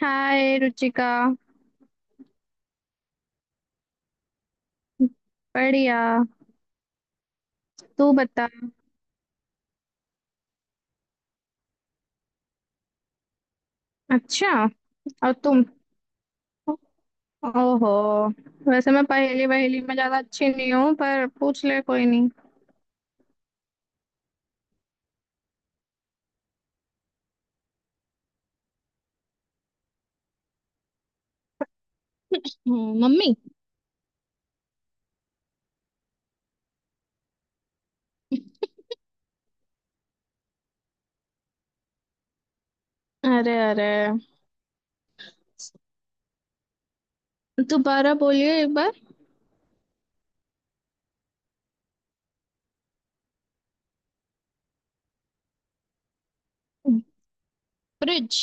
हाय रुचिका। बढ़िया। तू बता। अच्छा। और तुम? ओहो। वैसे मैं पहेली वहेली में ज्यादा अच्छी नहीं हूँ, पर पूछ ले, कोई नहीं। मम्मी। अरे अरे, दोबारा बोलिए एक बार। Fridge.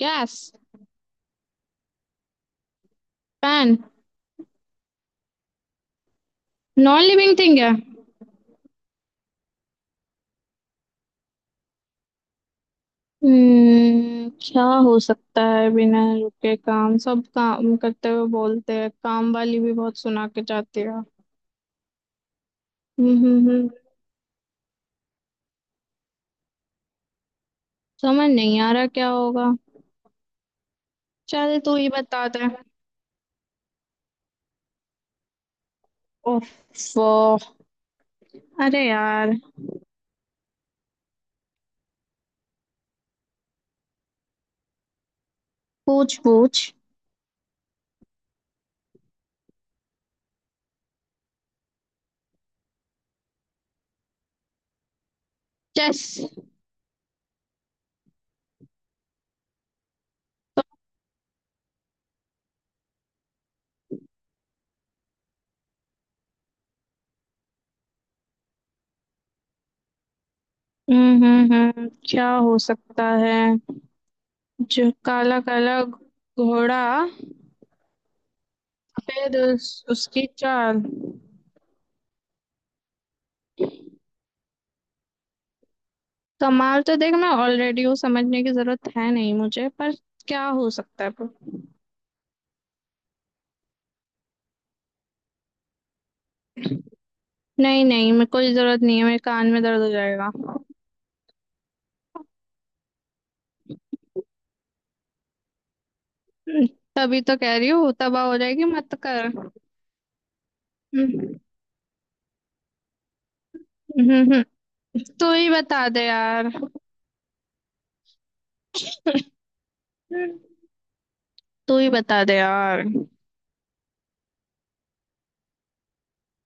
Gas. Pan. Non living thing है। क्या हो सकता है बिना रुके काम, सब काम करते हुए बोलते हैं, काम वाली भी बहुत सुना के जाती है। समझ नहीं आ रहा क्या होगा। चल तू ही बता दे। ओफ। अरे यार। पूछ पूछ। चेस। क्या हो सकता है? जो काला काला घोड़ा, फिर उसकी चाल। कमाल तो देख मैं ऑलरेडी हूँ, समझने की जरूरत है नहीं मुझे, पर क्या हो सकता है? नहीं नहीं, मेरे कोई जरूरत नहीं है, मेरे कान में दर्द हो जाएगा। हम्म, तभी तो कह रही हूँ तबाह हो जाएगी, मत कर। हम्म, हम्म, हम्म। तू ही बता दे यार। तू ही बता दे यार।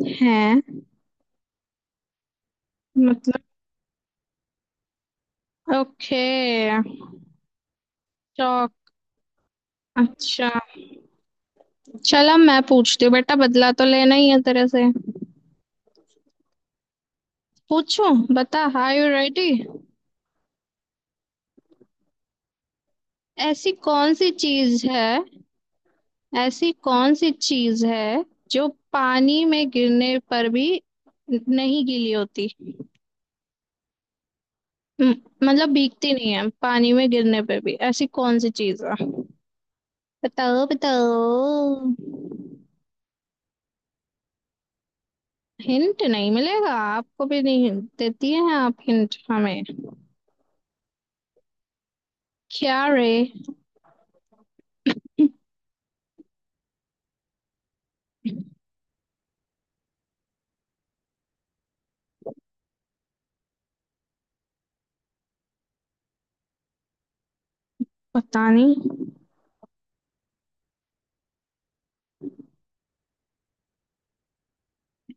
है? मतलब। ओके। चौक। अच्छा। चलो मैं पूछती हूँ, बेटा बदला तो लेना ही है तेरे से। पूछूं? बता, हाय यू रेडी? ऐसी कौन सी चीज है, ऐसी कौन सी चीज है जो पानी में गिरने पर भी नहीं गीली होती? म- मतलब भीगती नहीं है, पानी में गिरने पर भी ऐसी कौन सी चीज है? बताओ बताओ। हिंट नहीं मिलेगा आपको भी नहीं। देती हैं आप हिंट हमें? क्या रे। पता नहीं।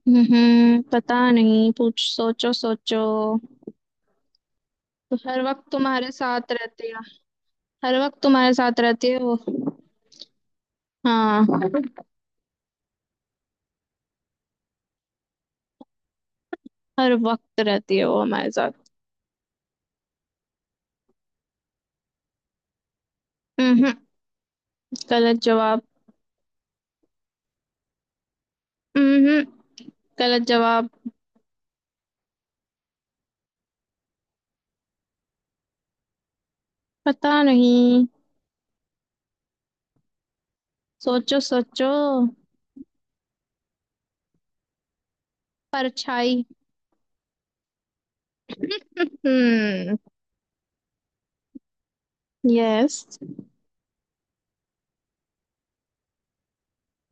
पता नहीं, पूछ, सोचो सोचो। तो हर वक्त तुम्हारे साथ रहती है। हर वक्त तुम्हारे साथ रहती है वो। हाँ। हर वक्त रहती है वो हमारे साथ। हम्म गलत जवाब। हम्म गलत जवाब। पता नहीं, सोचो सोचो। परछाई। हम्म यस।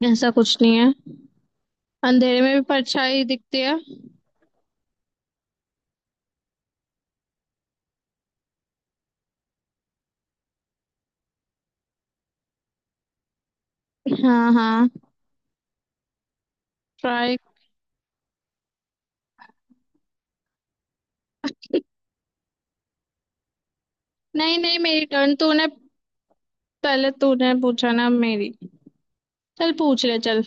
ऐसा कुछ नहीं है। अंधेरे में भी परछाई दिखती है। हाँ हाँ। ट्राई। नहीं नहीं, मेरी टर्न, तूने पहले तूने पूछा ना, मेरी। चल पूछ ले, चल।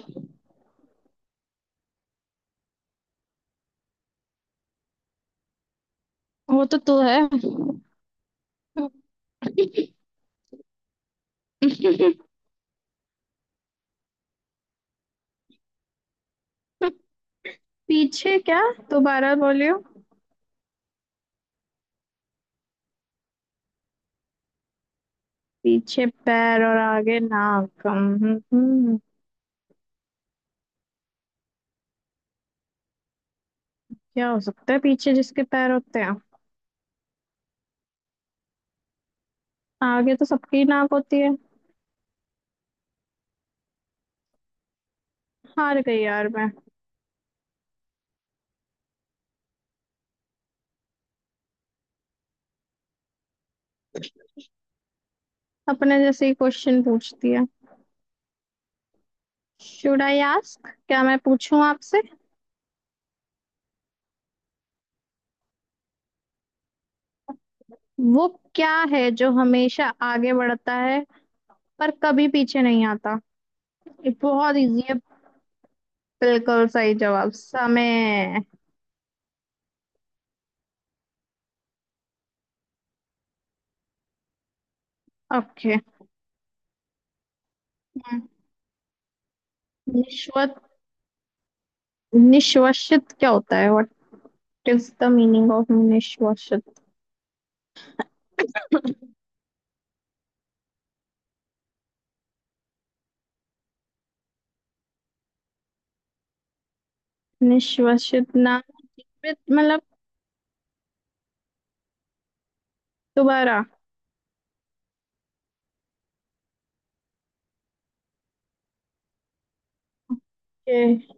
वो तो तू है। पीछे क्या? दोबारा बोलियो। पीछे पैर और आगे नाक। क्या हो सकता है, पीछे जिसके पैर होते हैं? आगे तो सबकी नाक होती है। हार गई यार मैं। अपने जैसे ही क्वेश्चन पूछती है। शुड आई आस्क, क्या मैं पूछूं आपसे? वो क्या है जो हमेशा आगे बढ़ता है, पर कभी पीछे नहीं आता? ये बहुत इजी है। बिल्कुल सही जवाब, समय। ओके। निश्वत, निश्वसित क्या होता है? What is the meaning of निश्वसित? निश्वसित ना, जीवित मतलब, दोबारा। okay।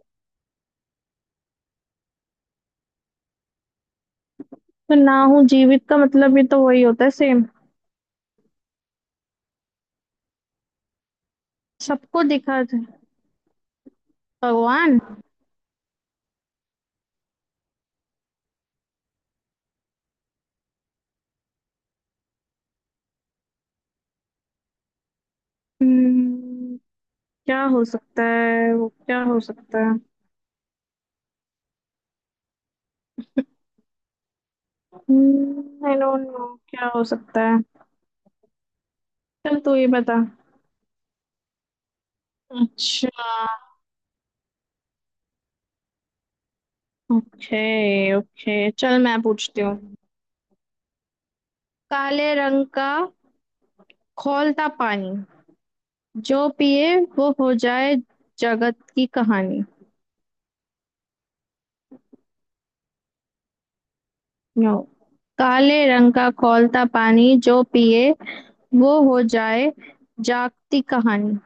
तो ना हूँ जीवित का मतलब भी तो वही होता है, सेम। सबको दिखा था। भगवान। हम्म, क्या हो सकता है वो, क्या हो सकता है? आई डोंट नो क्या हो सकता है। चल तू ये बता। अच्छा। ओके। ओके, चल मैं पूछती हूँ। काले रंग का खौलता पानी, जो पिए वो हो जाए जगत की कहानी। नो। काले रंग का खौलता पानी, जो पिए वो हो जाए जागती कहानी।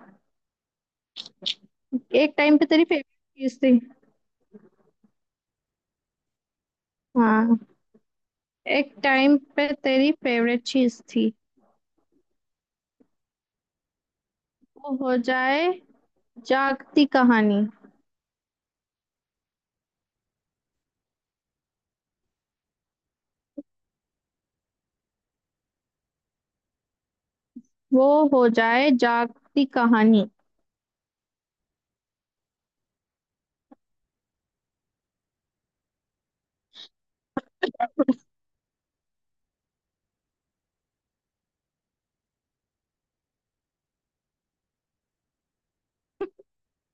एक टाइम पे तेरी फेवरेट चीज थी। हाँ। एक टाइम पे तेरी फेवरेट चीज थी। वो हो जाए जागती कहानी। वो हो जाए जागती कहानी।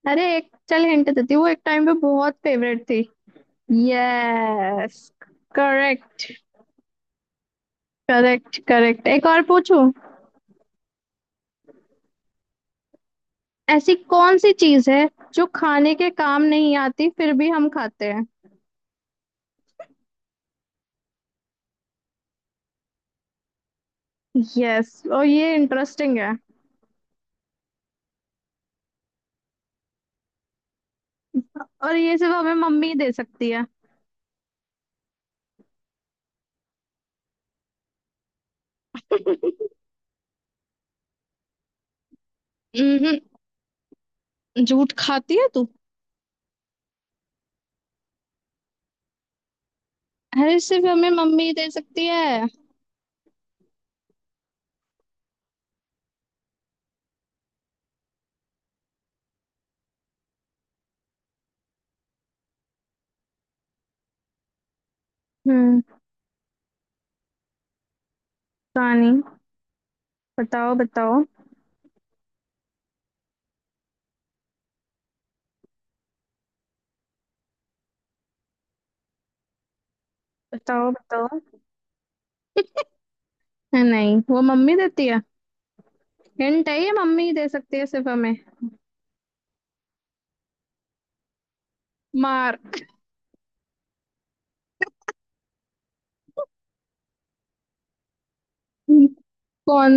अरे एक चल हिंट देती हूँ, वो एक टाइम पे बहुत फेवरेट थी। यस। करेक्ट। करेक्ट करेक्ट, एक और पूछूं? ऐसी कौन सी चीज है जो खाने के काम नहीं आती, फिर भी हम खाते हैं? यस, और ये इंटरेस्टिंग है। और ये सिर्फ हमें मम्मी ही दे सकती है। हम्म झूठ खाती है तू? अरे सिर्फ हमें मम्मी ही दे सकती है। हम्म कहानी? बताओ बताओ। बताओ बताओ, नहीं वो मम्मी देती है। हिंट है ये, मम्मी ही दे सकती है सिर्फ हमें। मार। कौन?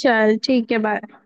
चल ठीक है, बाय।